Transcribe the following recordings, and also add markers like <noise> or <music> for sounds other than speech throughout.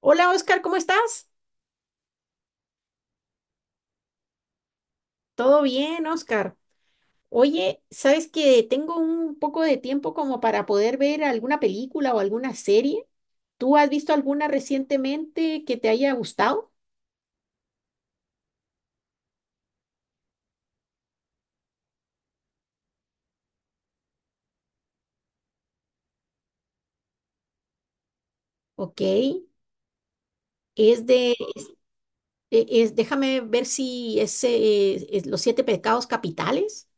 Hola Oscar, ¿cómo estás? Todo bien, Oscar. Oye, ¿sabes que tengo un poco de tiempo como para poder ver alguna película o alguna serie? ¿Tú has visto alguna recientemente que te haya gustado? Ok, es de, déjame ver si es, es Los Siete Pecados Capitales.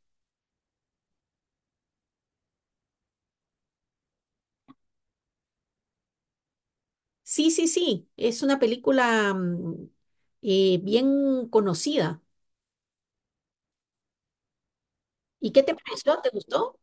Sí, sí, sí, es una película bien conocida. ¿Y qué te pareció? ¿Te gustó?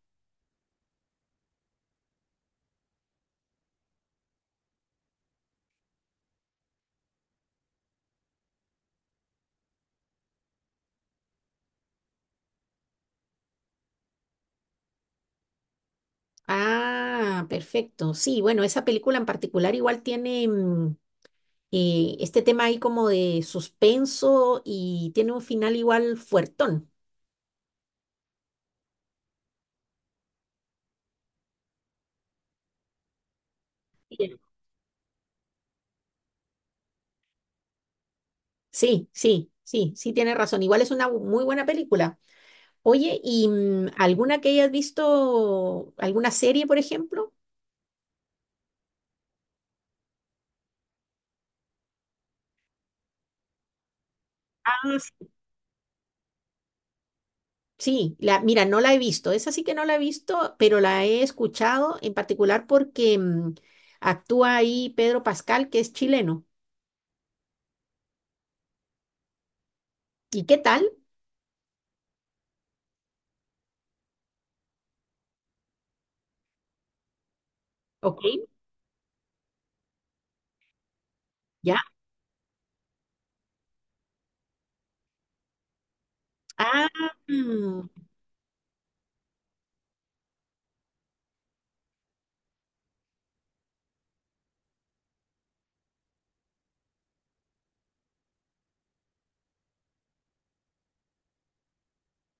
Ah, perfecto. Sí, bueno, esa película en particular igual tiene este tema ahí como de suspenso y tiene un final igual fuertón. Bien. Sí, sí, sí, sí, tiene razón. Igual es una muy buena película. Oye, ¿y alguna que hayas visto, alguna serie, por ejemplo? Ah, sí. Sí, la, mira, no la he visto. Esa sí que no la he visto, pero la he escuchado en particular porque actúa ahí Pedro Pascal, que es chileno. ¿Y qué tal? Ok, ya. Ah,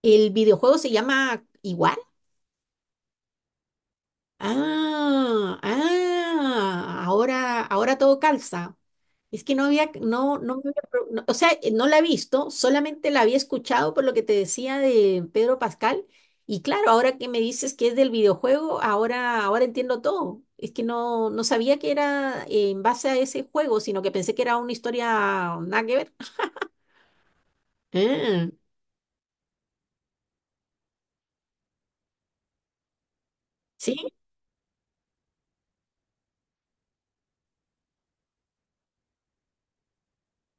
el videojuego se llama igual. Ah, ah, ahora, ahora todo calza. Es que no había, no, no, o sea, no la he visto, solamente la había escuchado por lo que te decía de Pedro Pascal. Y claro, ahora que me dices que es del videojuego, ahora, ahora entiendo todo. Es que no, no sabía que era en base a ese juego, sino que pensé que era una historia nada que ver. Ah, sí.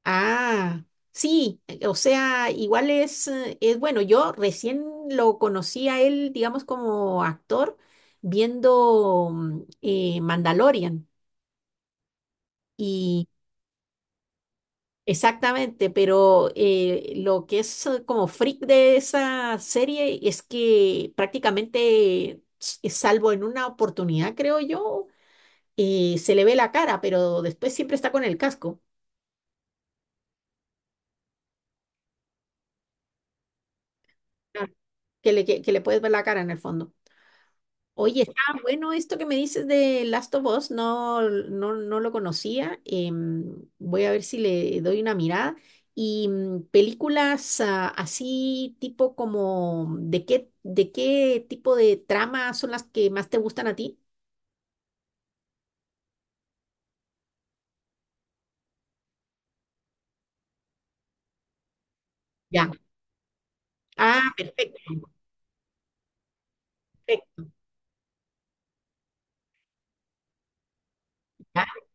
Ah, sí, o sea, igual es bueno, yo recién lo conocí a él, digamos, como actor, viendo Mandalorian. Y exactamente, pero lo que es como freak de esa serie es que prácticamente, salvo en una oportunidad, creo yo, se le ve la cara, pero después siempre está con el casco. Ah, que le puedes ver la cara en el fondo. Oye, está bueno esto que me dices de Last of Us, no, no, no lo conocía. Voy a ver si le doy una mirada. Y películas ah, así tipo como, de qué tipo de trama son las que más te gustan a ti? Ya. Ah, perfecto. Perfecto, ya.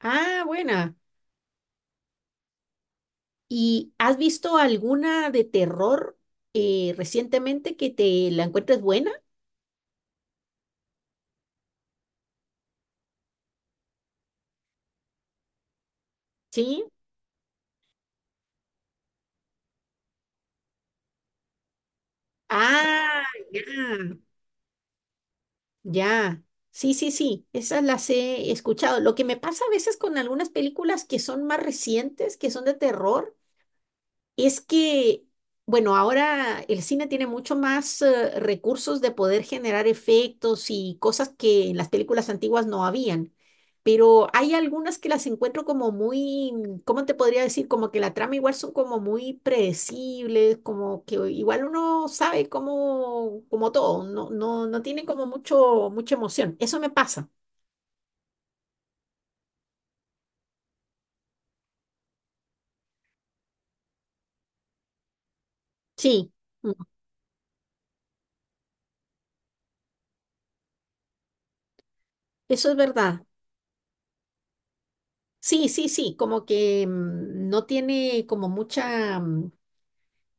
Ah, buena. ¿Y has visto alguna de terror recientemente que te la encuentres buena? Sí. Ah, ya. Ya, sí, sí, sí, esas las he escuchado. Lo que me pasa a veces con algunas películas que son más recientes, que son de terror, es que, bueno, ahora el cine tiene mucho más recursos de poder generar efectos y cosas que en las películas antiguas no habían, pero hay algunas que las encuentro como muy, ¿cómo te podría decir? Como que la trama igual son como muy predecibles, como que igual uno sabe como, como todo, no, no, no tiene como mucho, mucha emoción. Eso me pasa. Sí, mm, eso es verdad. Sí, sí, sí, como que no tiene como mucha...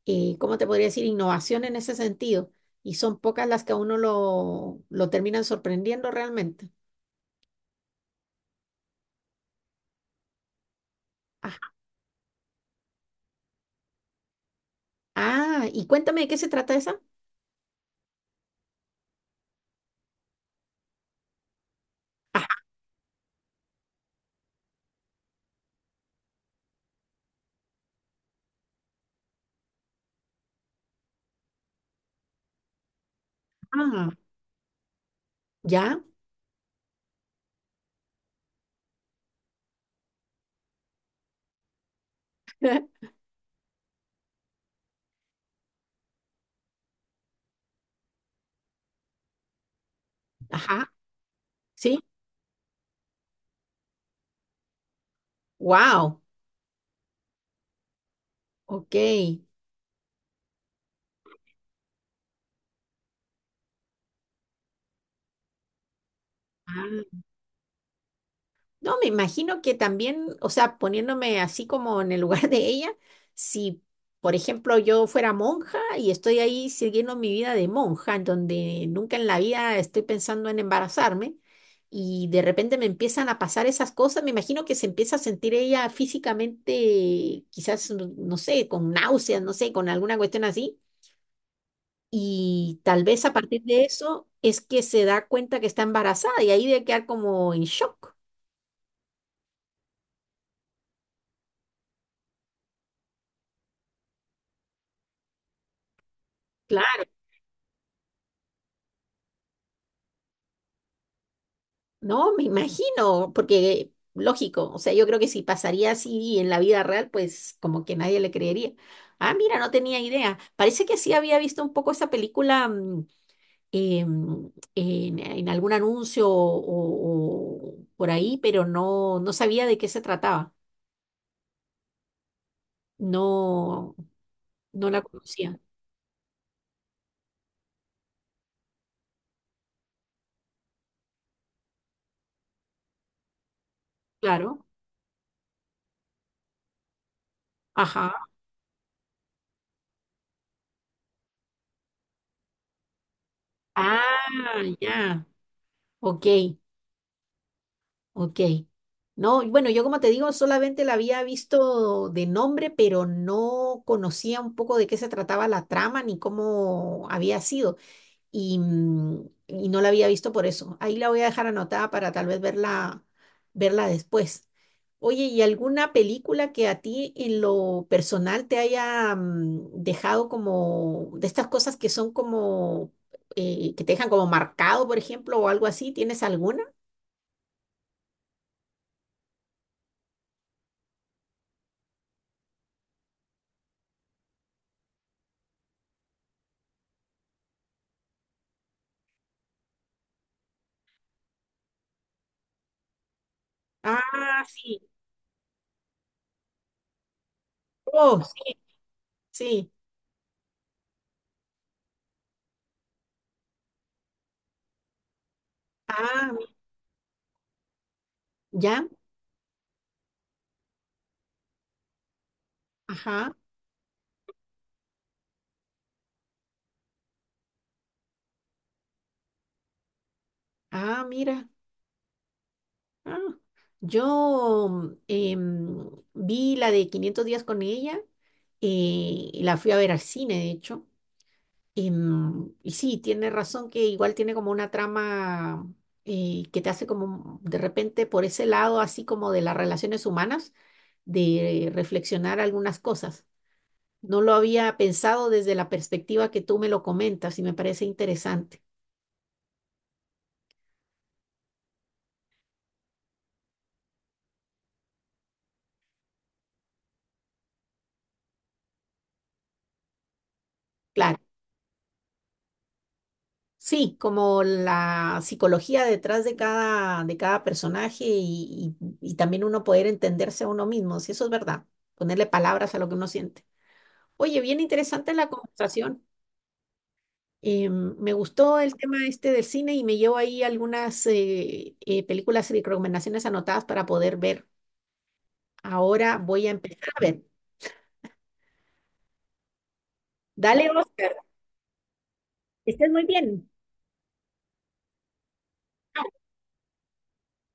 ¿cómo te podría decir? Innovación en ese sentido. Y son pocas las que a uno lo terminan sorprendiendo realmente. Ah, ah, y cuéntame de qué se trata esa. Ajá, ¿ya? <laughs> Ajá, sí, wow, ok. Ah, no, me imagino que también, o sea, poniéndome así como en el lugar de ella, si, por ejemplo, yo fuera monja y estoy ahí siguiendo mi vida de monja, en donde nunca en la vida estoy pensando en embarazarme, y de repente me empiezan a pasar esas cosas, me imagino que se empieza a sentir ella físicamente, quizás, no no sé, con náuseas, no sé, con alguna cuestión así, y tal vez a partir de eso es que se da cuenta que está embarazada y ahí debe quedar como en shock. No, me imagino, porque lógico, o sea, yo creo que si pasaría así en la vida real, pues como que nadie le creería. Ah, mira, no tenía idea. Parece que sí había visto un poco esa película en algún anuncio o por ahí, pero no, no sabía de qué se trataba. No, no la conocía. Claro. Ajá. Ah, ya. Ok. Ok. No, bueno, yo como te digo, solamente la había visto de nombre, pero no conocía un poco de qué se trataba la trama ni cómo había sido. Y, y no la había visto por eso. Ahí la voy a dejar anotada para tal vez verla, verla después. Oye, ¿y alguna película que a ti en lo personal te haya dejado como de estas cosas que son como que te dejan como marcado, por ejemplo, o algo así? ¿Tienes alguna? Ah, sí. Oh, sí. Ah, mi- ya. Ajá. Ah, mira. Ah, yo vi la de 500 días con ella y la fui a ver al cine, de hecho. Em, y sí, tiene razón que igual tiene como una trama que te hace como de repente por ese lado, así como de las relaciones humanas, de reflexionar algunas cosas. No lo había pensado desde la perspectiva que tú me lo comentas y me parece interesante. Claro. Sí, como la psicología detrás de cada personaje y, y también uno poder entenderse a uno mismo, si eso es verdad, ponerle palabras a lo que uno siente. Oye, bien interesante la conversación. Me gustó el tema este del cine y me llevo ahí algunas películas y recomendaciones anotadas para poder ver. Ahora voy a empezar a ver. Dale, Oscar, que estés muy bien.